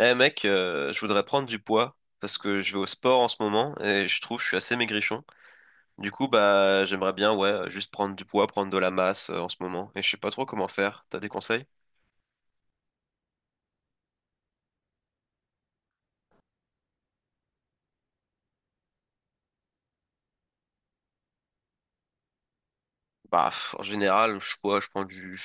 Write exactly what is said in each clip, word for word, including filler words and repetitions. Eh mec, euh, je voudrais prendre du poids parce que je vais au sport en ce moment et je trouve que je suis assez maigrichon. Du coup, bah j'aimerais bien, ouais, juste prendre du poids, prendre de la masse euh, en ce moment et je sais pas trop comment faire. T'as des conseils? Bah pff, en général, je quoi, je prends du,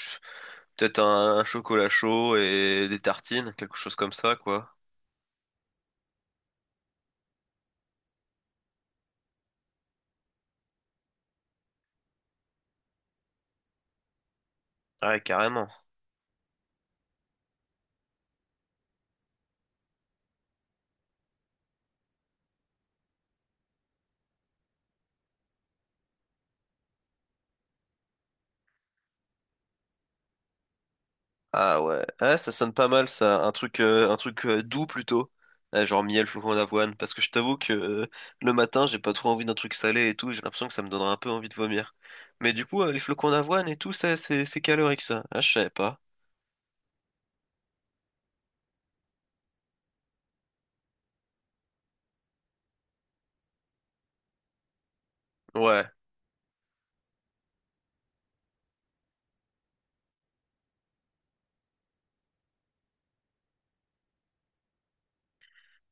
peut-être un, un chocolat chaud et des tartines, quelque chose comme ça quoi. Ouais, carrément. Ah ouais. Ah, ça sonne pas mal ça. Un truc, euh, un truc euh, doux plutôt. Euh, genre miel, flocons d'avoine. Parce que je t'avoue que euh, le matin, j'ai pas trop envie d'un truc salé et tout. J'ai l'impression que ça me donnera un peu envie de vomir. Mais du coup, euh, les flocons d'avoine et tout, ça, c'est c'est calorique ça. Ah, je savais pas. Ouais.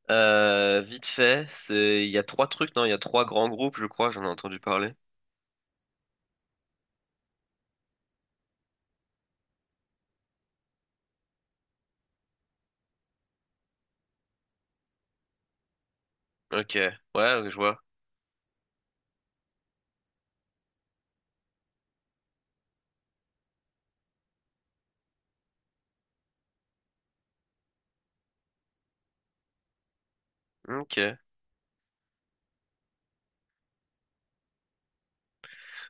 Euh, vite fait, c'est, il y a trois trucs, non? Il y a trois grands groupes, je crois, j'en ai entendu parler. Ok. Ouais, ouais, je vois. Ok.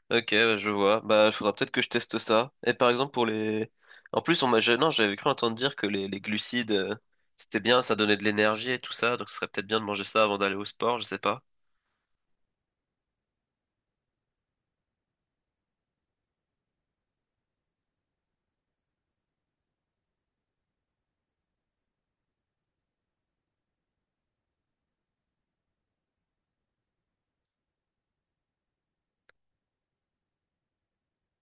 Ok, bah, je vois. Bah, il faudra peut-être que je teste ça. Et par exemple, pour les... En plus, on m'a... je- Non, j'avais cru entendre dire que les, les glucides, euh, c'était bien, ça donnait de l'énergie et tout ça, donc ce serait peut-être bien de manger ça avant d'aller au sport, je sais pas.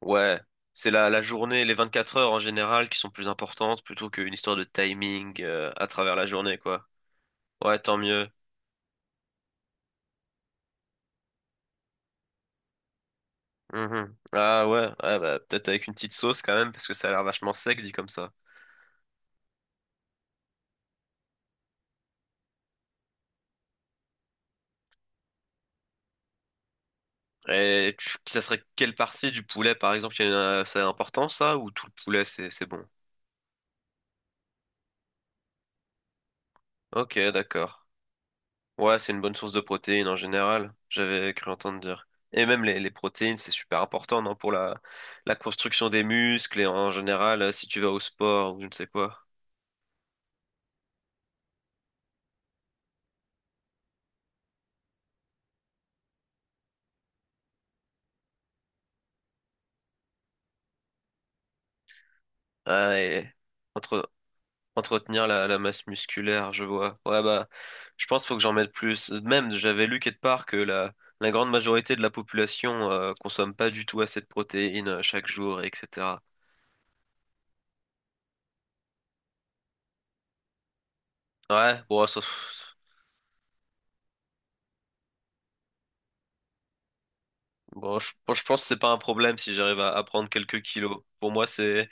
Ouais, c'est la, la journée, les vingt-quatre heures en général qui sont plus importantes plutôt qu'une histoire de timing, euh, à travers la journée, quoi. Ouais, tant mieux. Mhm. Ah ouais, ouais bah, peut-être avec une petite sauce quand même, parce que ça a l'air vachement sec dit comme ça. Et tu- ça serait quelle partie du poulet, par exemple, qui a- ça important, ça, ou tout le poulet, c'est c'est bon? Ok, d'accord. Ouais, c'est une bonne source de protéines en général, j'avais cru entendre dire. Et même les, les protéines, c'est super important, non, pour la, la construction des muscles et en général, euh, si tu vas au sport ou je ne sais quoi. Ouais, et entre, Entretenir la, la masse musculaire, je vois. Ouais, bah, je pense qu'il faut que j'en mette plus. Même, j'avais lu quelque part que la, la grande majorité de la population euh, consomme pas du tout assez de protéines euh, chaque jour, et cetera. Ouais, bon, ça- bon, je, bon, je pense que c'est pas un problème si j'arrive à, à prendre quelques kilos. Pour moi, c'est,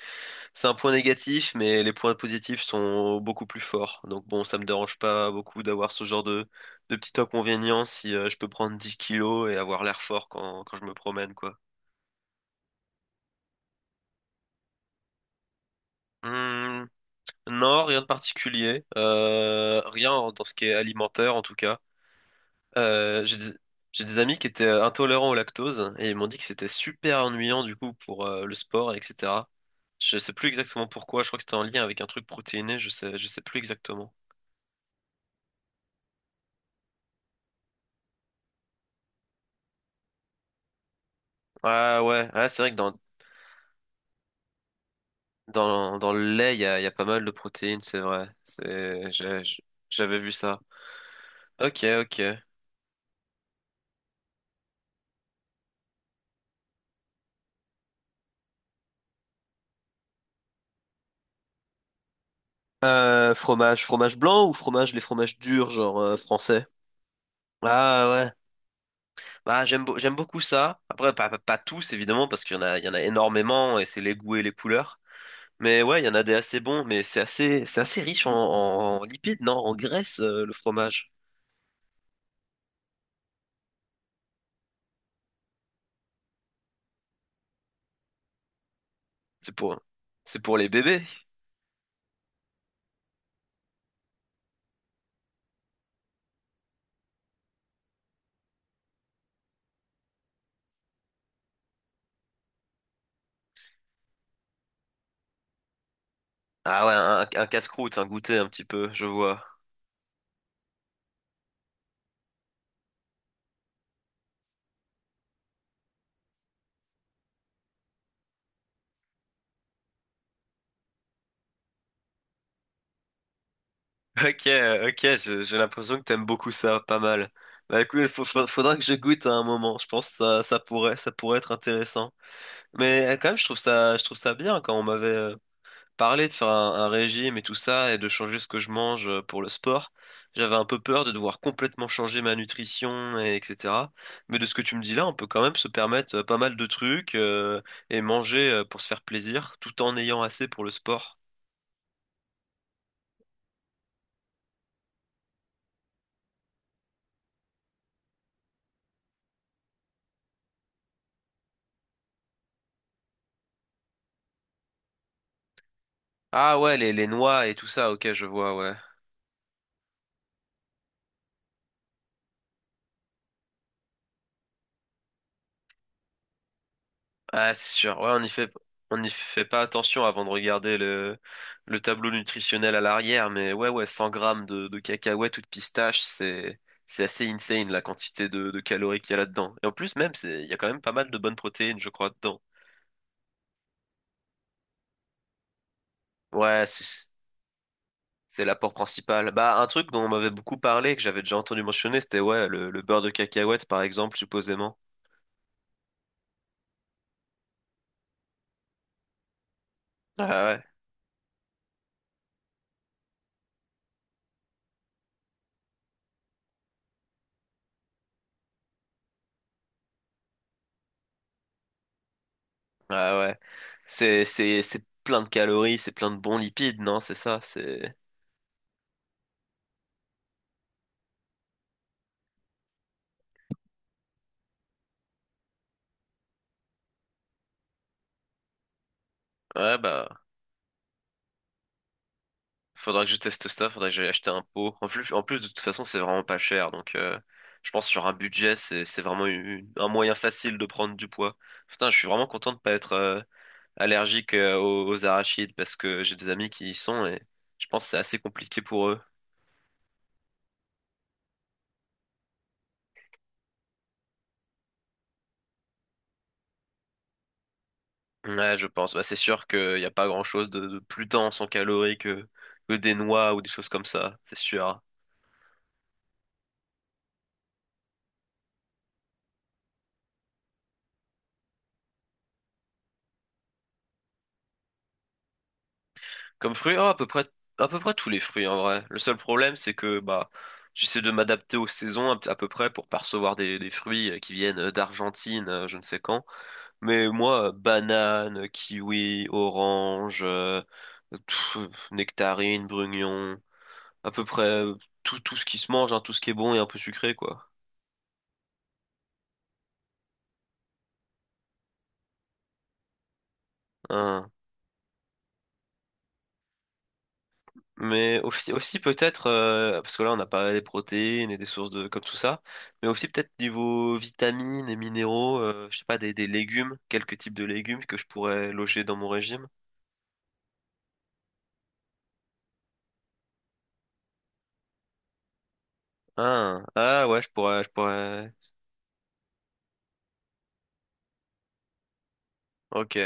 c'est un point négatif, mais les points positifs sont beaucoup plus forts. Donc bon, ça me dérange pas beaucoup d'avoir ce genre de, de petit inconvénient si euh, je peux prendre dix kilos et avoir l'air fort quand, quand je me promène, quoi. Hmm, non, rien de particulier. Euh, rien en- Dans ce qui est alimentaire, en tout cas. Euh, j'ai des, j'ai des amis qui étaient euh, intolérants au lactose et ils m'ont dit que c'était super ennuyant du coup pour euh, le sport, et cetera. Je sais plus exactement pourquoi. Je crois que c'était en lien avec un truc protéiné. Je sais, je sais plus exactement. Ah ouais, ouais, c'est vrai que dans, dans, dans le lait, il y a, il y a pas mal de protéines, c'est vrai. C'est, j'ai- j'avais vu ça. Ok, ok. Euh, fromage, fromage blanc ou fromage, les fromages durs, genre euh, français? Ah ouais. Bah, j'aime beau- j'aime beaucoup ça. Après, pas, pas, pas tous, évidemment, parce qu'il y en a, il y en a énormément et c'est les goûts et les couleurs. Mais ouais, il y en a des assez bons, mais c'est assez, c'est assez riche en, en- en lipides, non? En graisse, euh, le fromage. C'est pour, c'est pour les bébés. Ah ouais, un, un casse-croûte, un goûter un petit peu, je vois. Ok, euh, ok, je- j'ai l'impression que t'aimes beaucoup ça, pas mal. Bah écoute, il faudra que je goûte à un moment. Je pense que ça, ça pourrait, ça pourrait être intéressant. Mais euh, quand même, je trouve ça, je trouve ça bien quand on m'avait, euh, parler de faire un, un régime et tout ça et de changer ce que je mange euh, pour le sport. J'avais un peu peur de devoir complètement changer ma nutrition et etc. Mais de ce que tu me dis là, on peut quand même se permettre euh, pas mal de trucs euh, et manger euh, pour se faire plaisir tout en ayant assez pour le sport. Ah ouais, les, les noix et tout ça, ok, je vois, ouais. Ah, c'est sûr. Ouais, on y fait, on y fait pas attention avant de regarder le, le tableau nutritionnel à l'arrière, mais ouais, ouais, cent grammes de, de cacahuètes ou de pistaches, c'est, c'est assez insane la quantité de, de calories qu'il y a là-dedans. Et en plus, même, c'est, il y a quand même pas mal de bonnes protéines, je crois, dedans. Ouais, c'est, c'est l'apport principal. Bah, un truc dont on m'avait beaucoup parlé, que j'avais déjà entendu mentionner, c'était, ouais, le, le beurre de cacahuète, par exemple, supposément. Ah ouais, ah ouais. C'est, c'est, c'est plein de calories, c'est plein de bons lipides, non? C'est ça, c'est, ouais, bah. Faudra que je teste ça, faudra que j'aille acheter un pot. En plus, en plus, de toute façon, c'est vraiment pas cher. Donc, euh, je pense que sur un budget, c'est, c'est vraiment une- un moyen facile de prendre du poids. Putain, je suis vraiment content de pas être euh, allergique euh, aux, aux arachides parce que j'ai des amis qui y sont et je pense que c'est assez compliqué pour eux. Ouais, je pense. Bah, c'est sûr qu'il n'y a pas grand-chose de, de plus dense en calories que, que des noix ou des choses comme ça, c'est sûr. Comme fruit, oh, à peu près, à peu près tous les fruits en vrai. Le seul problème, c'est que bah, j'essaie de m'adapter aux saisons à, à peu près pour pas recevoir des, des fruits euh, qui viennent euh, d'Argentine, euh, je ne sais quand. Mais moi, euh, banane, kiwi, orange, euh, pff, euh, nectarine, brugnon, à peu près euh, tout, tout ce qui se mange, hein, tout ce qui est bon et un peu sucré, quoi. Hein. Mais aussi, aussi peut-être, euh, parce que là on a parlé des protéines et des sources de comme tout ça, mais aussi peut-être niveau vitamines et minéraux, euh, je sais pas, des, des légumes, quelques types de légumes que je pourrais loger dans mon régime. Ah, ah ouais, je pourrais, je pourrais. Ok,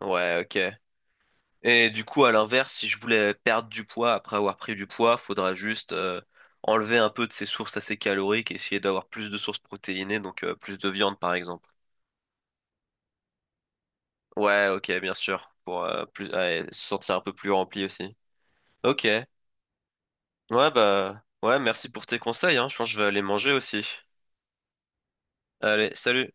ouais, ok. Et du coup, à l'inverse, si je voulais perdre du poids après avoir pris du poids, faudra juste euh, enlever un peu de ces sources assez caloriques et essayer d'avoir plus de sources protéinées, donc euh, plus de viande par exemple. Ouais, ok, bien sûr. Pour euh, plus, ouais, se sentir un peu plus rempli aussi. Ok. Ouais, bah, ouais, merci pour tes conseils, hein. Je pense que je vais aller manger aussi. Allez, salut.